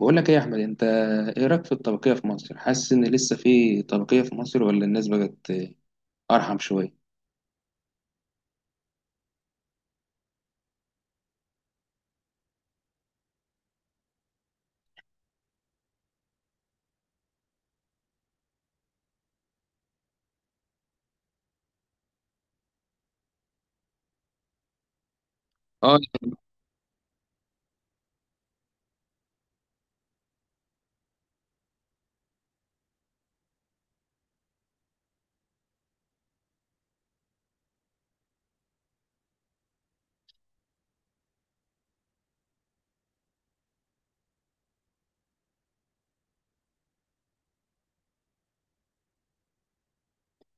بقول لك ايه يا احمد انت؟ ايه رايك في الطبقيه في مصر؟ حاسس ان لسه في طبقيه في مصر ولا الناس بقت ارحم شويه؟ اه.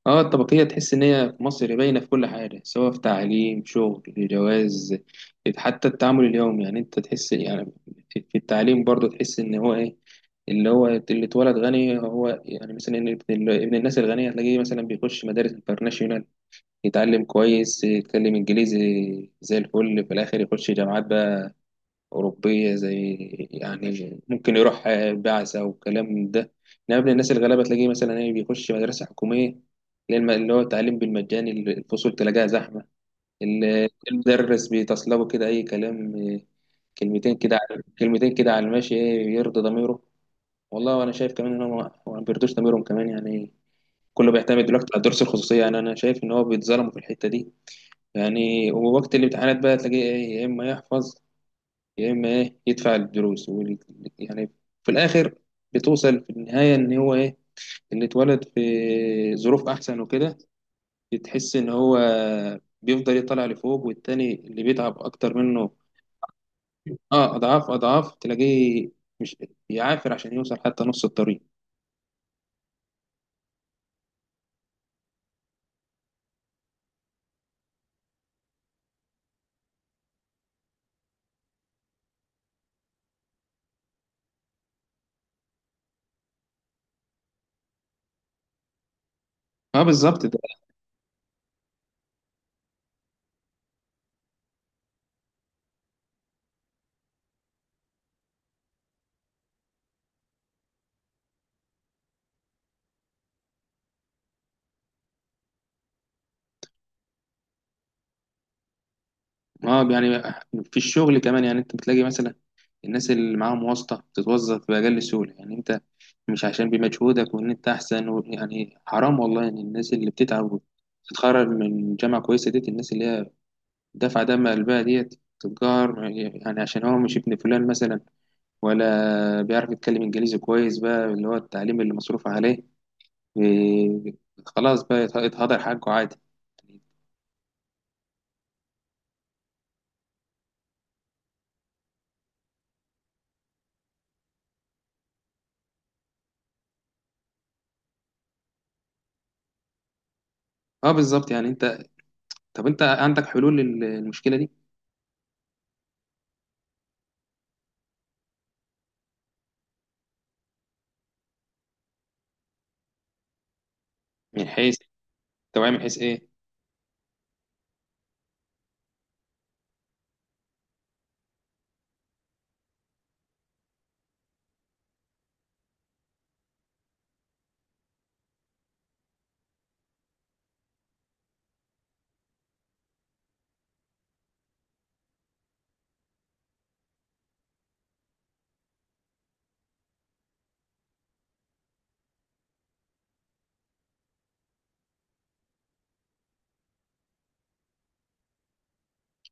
اه، الطبقيه تحس ان هي في مصر باينه في كل حاجه، سواء في تعليم، شغل، جواز، حتى التعامل اليومي، يعني انت تحس، يعني في التعليم برضه تحس ان هو ايه، اللي هو اللي اتولد غني، هو يعني مثلا إن ابن الناس الغنيه تلاقيه مثلا بيخش مدارس انترناشونال، يتعلم كويس، يتكلم انجليزي زي الفل، في الاخر يخش جامعات بقى أوروبية، زي يعني ممكن يروح بعثة وكلام من ده. إنما ابن الناس الغلابة تلاقيه مثلا إيه بيخش مدرسة حكومية، اللي هي اللي هو التعليم بالمجاني، الفصول تلاقيها زحمة، المدرس بيتصلبه كده أي كلام كلمتين كده على كلمتين كده على الماشي، إيه يرضي ضميره. والله وأنا شايف كمان إن هو، ما هو ما بيرضوش ضميرهم كمان يعني، كله بيعتمد دلوقتي على الدروس الخصوصية، يعني أنا شايف إن هو بيتظلموا في الحتة دي يعني. ووقت الامتحانات بقى تلاقيه إيه، يا إما يحفظ يا اما ايه يدفع الدروس يعني، في الاخر بتوصل في النهايه ان هو ايه، اللي اتولد في ظروف احسن وكده بتحس ان هو بيفضل يطلع لفوق، والتاني اللي بيتعب اكتر منه اه، اضعاف اضعاف تلاقيه مش بيعافر عشان يوصل حتى نص الطريق. اه بالظبط. اه يعني في الشغل كمان، يعني انت بتلاقي مثلا الناس اللي معاهم واسطة بتتوظف بأقل سهولة، يعني انت مش عشان بمجهودك وان انت احسن و... يعني حرام والله ان الناس اللي بتتعب وتتخرج من جامعة كويسة ديت، الناس اللي هي دافعة دم قلبها ديت تتجار، يعني عشان هو مش ابن فلان مثلا، ولا بيعرف يتكلم انجليزي كويس، بقى اللي هو التعليم اللي مصروف عليه و- خلاص بقى يتهدر حقه عادي. اه بالظبط، يعني انت، طب انت عندك حلول للمشكلة دي؟ من حيث؟ توعية من حيث ايه؟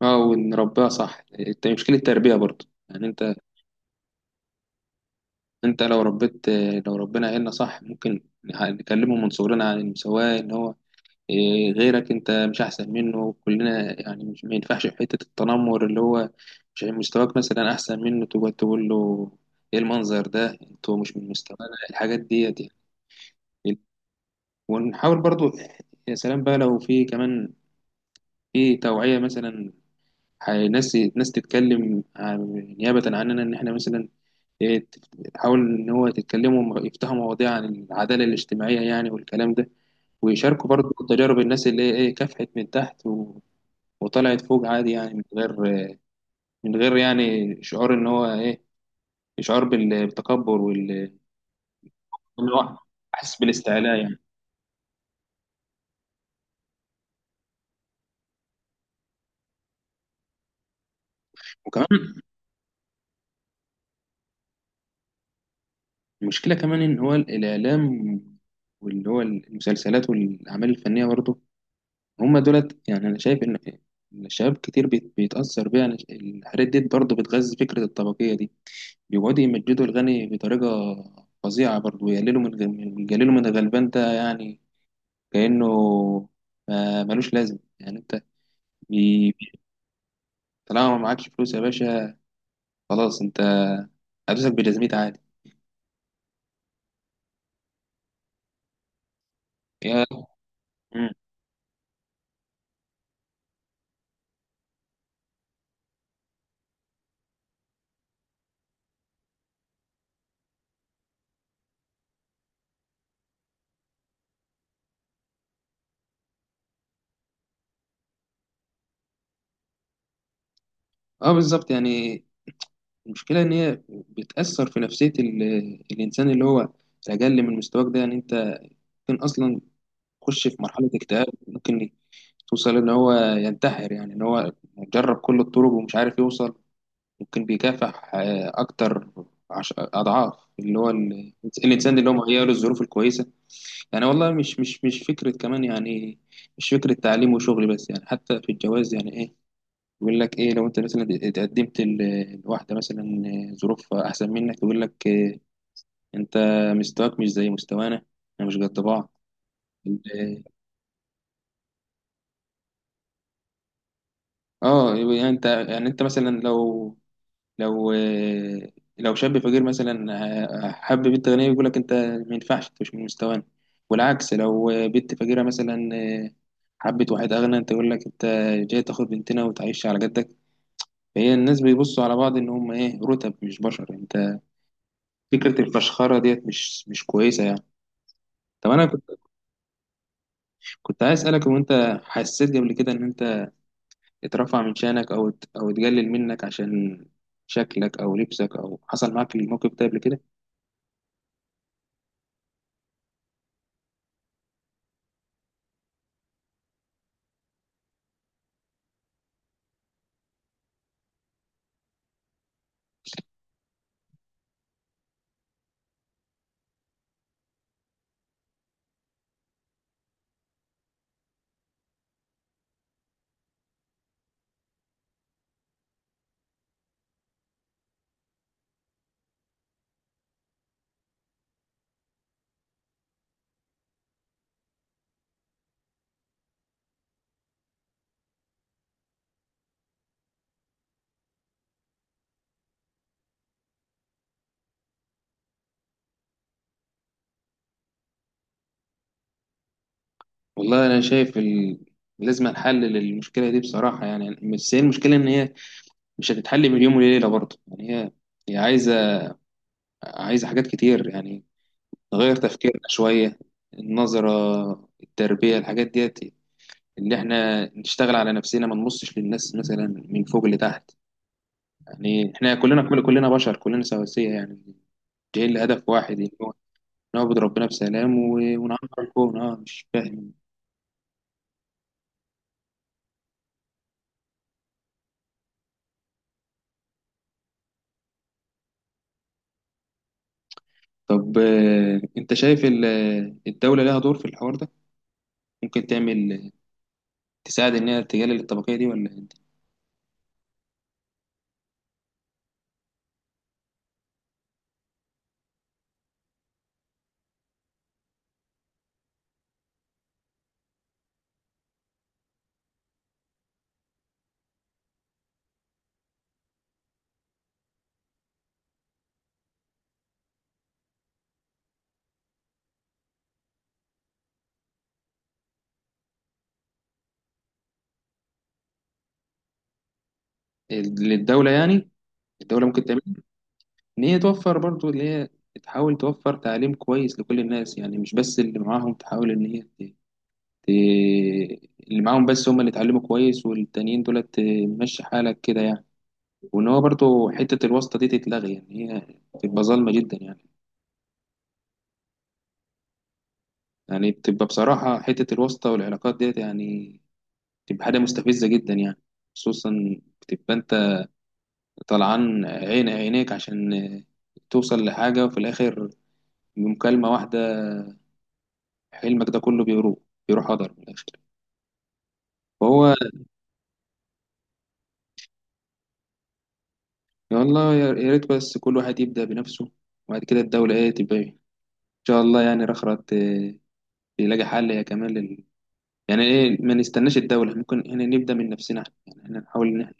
اه، ونربيها صح، مشكلة التربية برضو، يعني انت، انت لو ربيت، لو ربنا عيلنا صح ممكن نكلمه من صغرنا عن المساواة، ان هو إيه، غيرك انت مش احسن منه، كلنا يعني، مش ما ينفعش في حتة التنمر، اللي هو مش يعني مستواك مثلا احسن منه تقعد تقول له ايه المنظر ده، انتوا مش من مستوانا، الحاجات ديت يعني. ونحاول برضو، يا سلام بقى لو في كمان في توعية مثلا، ناس تتكلم نيابة عننا، إن إحنا مثلا إيه، تحاول إن هو تتكلموا يفتحوا مواضيع عن العدالة الاجتماعية يعني والكلام ده، ويشاركوا برضه تجارب الناس اللي هي إيه كافحت من تحت وطلعت فوق عادي، يعني من غير، من غير يعني شعور إن هو إيه، شعور بالتكبر وال، إن هو أحس بالاستعلاء يعني. وكمان المشكلة كمان إن هو الإعلام، واللي هو المسلسلات والأعمال الفنية برضه، هما دولت يعني أنا شايف إن، إن الشباب كتير بيتأثر بيها، يعني الحاجات ديت برضه بتغذي فكرة الطبقية دي، بيقعدوا يمجدوا الغني بطريقة فظيعة برضه، ويقللوا من يقللوا من الغلبان ده، يعني كأنه ملوش لازم، يعني أنت بي- بي- طالما ما معكش فلوس يا باشا خلاص أنت هتوسك بجزمتي عادي. يا- مم. اه بالظبط يعني المشكلة إن هي بتأثر في نفسية الإنسان اللي هو الأقل من مستواك ده، يعني أنت ممكن أصلا يخش في مرحلة اكتئاب، ممكن توصل إن هو ينتحر، يعني إن هو جرب كل الطرق ومش عارف يوصل، ممكن بيكافح أكتر أضعاف اللي هو ال... الإنسان اللي هو مهيأ له الظروف الكويسة. يعني والله مش فكرة كمان يعني، مش فكرة تعليم وشغل بس يعني، حتى في الجواز يعني إيه، يقول لك إيه لو أنت مثلا اتقدمت لواحدة مثلا ظروف أحسن منك، يقول لك آه، أنت مستواك مش زي مستوانا، إحنا مش قد بعض. اه يعني انت، يعني انت مثلا لو، لو آه، لو شاب فقير مثلا آه، حب بنت غنيه يقول لك انت ما ينفعش انت مش من مستوانا، والعكس لو آه، بنت فقيره مثلا آه، حبت واحد اغنى، انت يقول لك انت جاي تاخد بنتنا وتعيش على جدك. فهي الناس بيبصوا على بعض ان هم ايه رتب مش بشر انت، فكره الفشخره ديت مش كويسه يعني. طب انا كنت عايز اسالك، هو انت حسيت قبل كده ان انت اترفع من شأنك أو أو اتقلل منك عشان شكلك أو لبسك، أو حصل معاك الموقف ده قبل كده؟ والله أنا شايف ال... لازم نحلل المشكلة دي بصراحة، يعني بس هي المشكلة إن هي مش هتتحل من يوم وليلة برضه، يعني هي عايزة، عايزة حاجات كتير يعني، نغير تفكيرنا شوية، النظرة، التربية، الحاجات ديت، اللي احنا نشتغل على نفسنا، ما نبصش للناس مثلا من فوق لتحت، يعني احنا كلنا، كلنا بشر، كلنا سواسية، يعني جايين لهدف واحد، نعبد ربنا بسلام ونعمر الكون. اه مش فاهم. طب آه، انت شايف الدولة لها دور في الحوار ده؟ ممكن تعمل تساعد ان هي تقلل الطبقية دي؟ ولا انت-؟ للدولة يعني، الدولة ممكن تعمل، ان هي توفر برضو اللي هي، تحاول توفر تعليم كويس لكل الناس، يعني مش بس اللي معاهم، تحاول ان هي ت- اللي معاهم بس هم اللي اتعلموا كويس، والتانيين دولت آه، مشي حالك كده يعني. وان هو برضو حتة الواسطة دي تتلغي، يعني هي تبقى ظالمة جدا يعني. يعني بتبقى بصراحة حتة الواسطة والعلاقات ديت يعني، بتبقى حاجة مستفزة جدا يعني، خصوصا بتبقى أنت طلعان عين عينيك عشان توصل لحاجة، وفي الآخر بمكالمة واحدة حلمك ده كله بيروح، هدر من الآخر، فهو. والله يا ريت بس كل واحد يبدأ بنفسه، وبعد كده الدولة إيه تبقى إيه. إن شاء الله يعني رخرت يلاقي حل، يا كمان لل... يعني إيه، ما نستناش الدولة، ممكن إحنا نبدأ من نفسنا، يعني إحنا نحاول إن إحنا،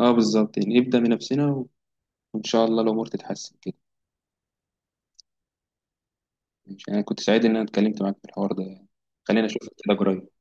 آه بالظبط يعني نبدأ من نفسنا، وإن شاء الله الأمور تتحسن كده. أنا كنت سعيد إن أنا اتكلمت معاك في الحوار ده يعني. خلينا أشوفك كده قريب.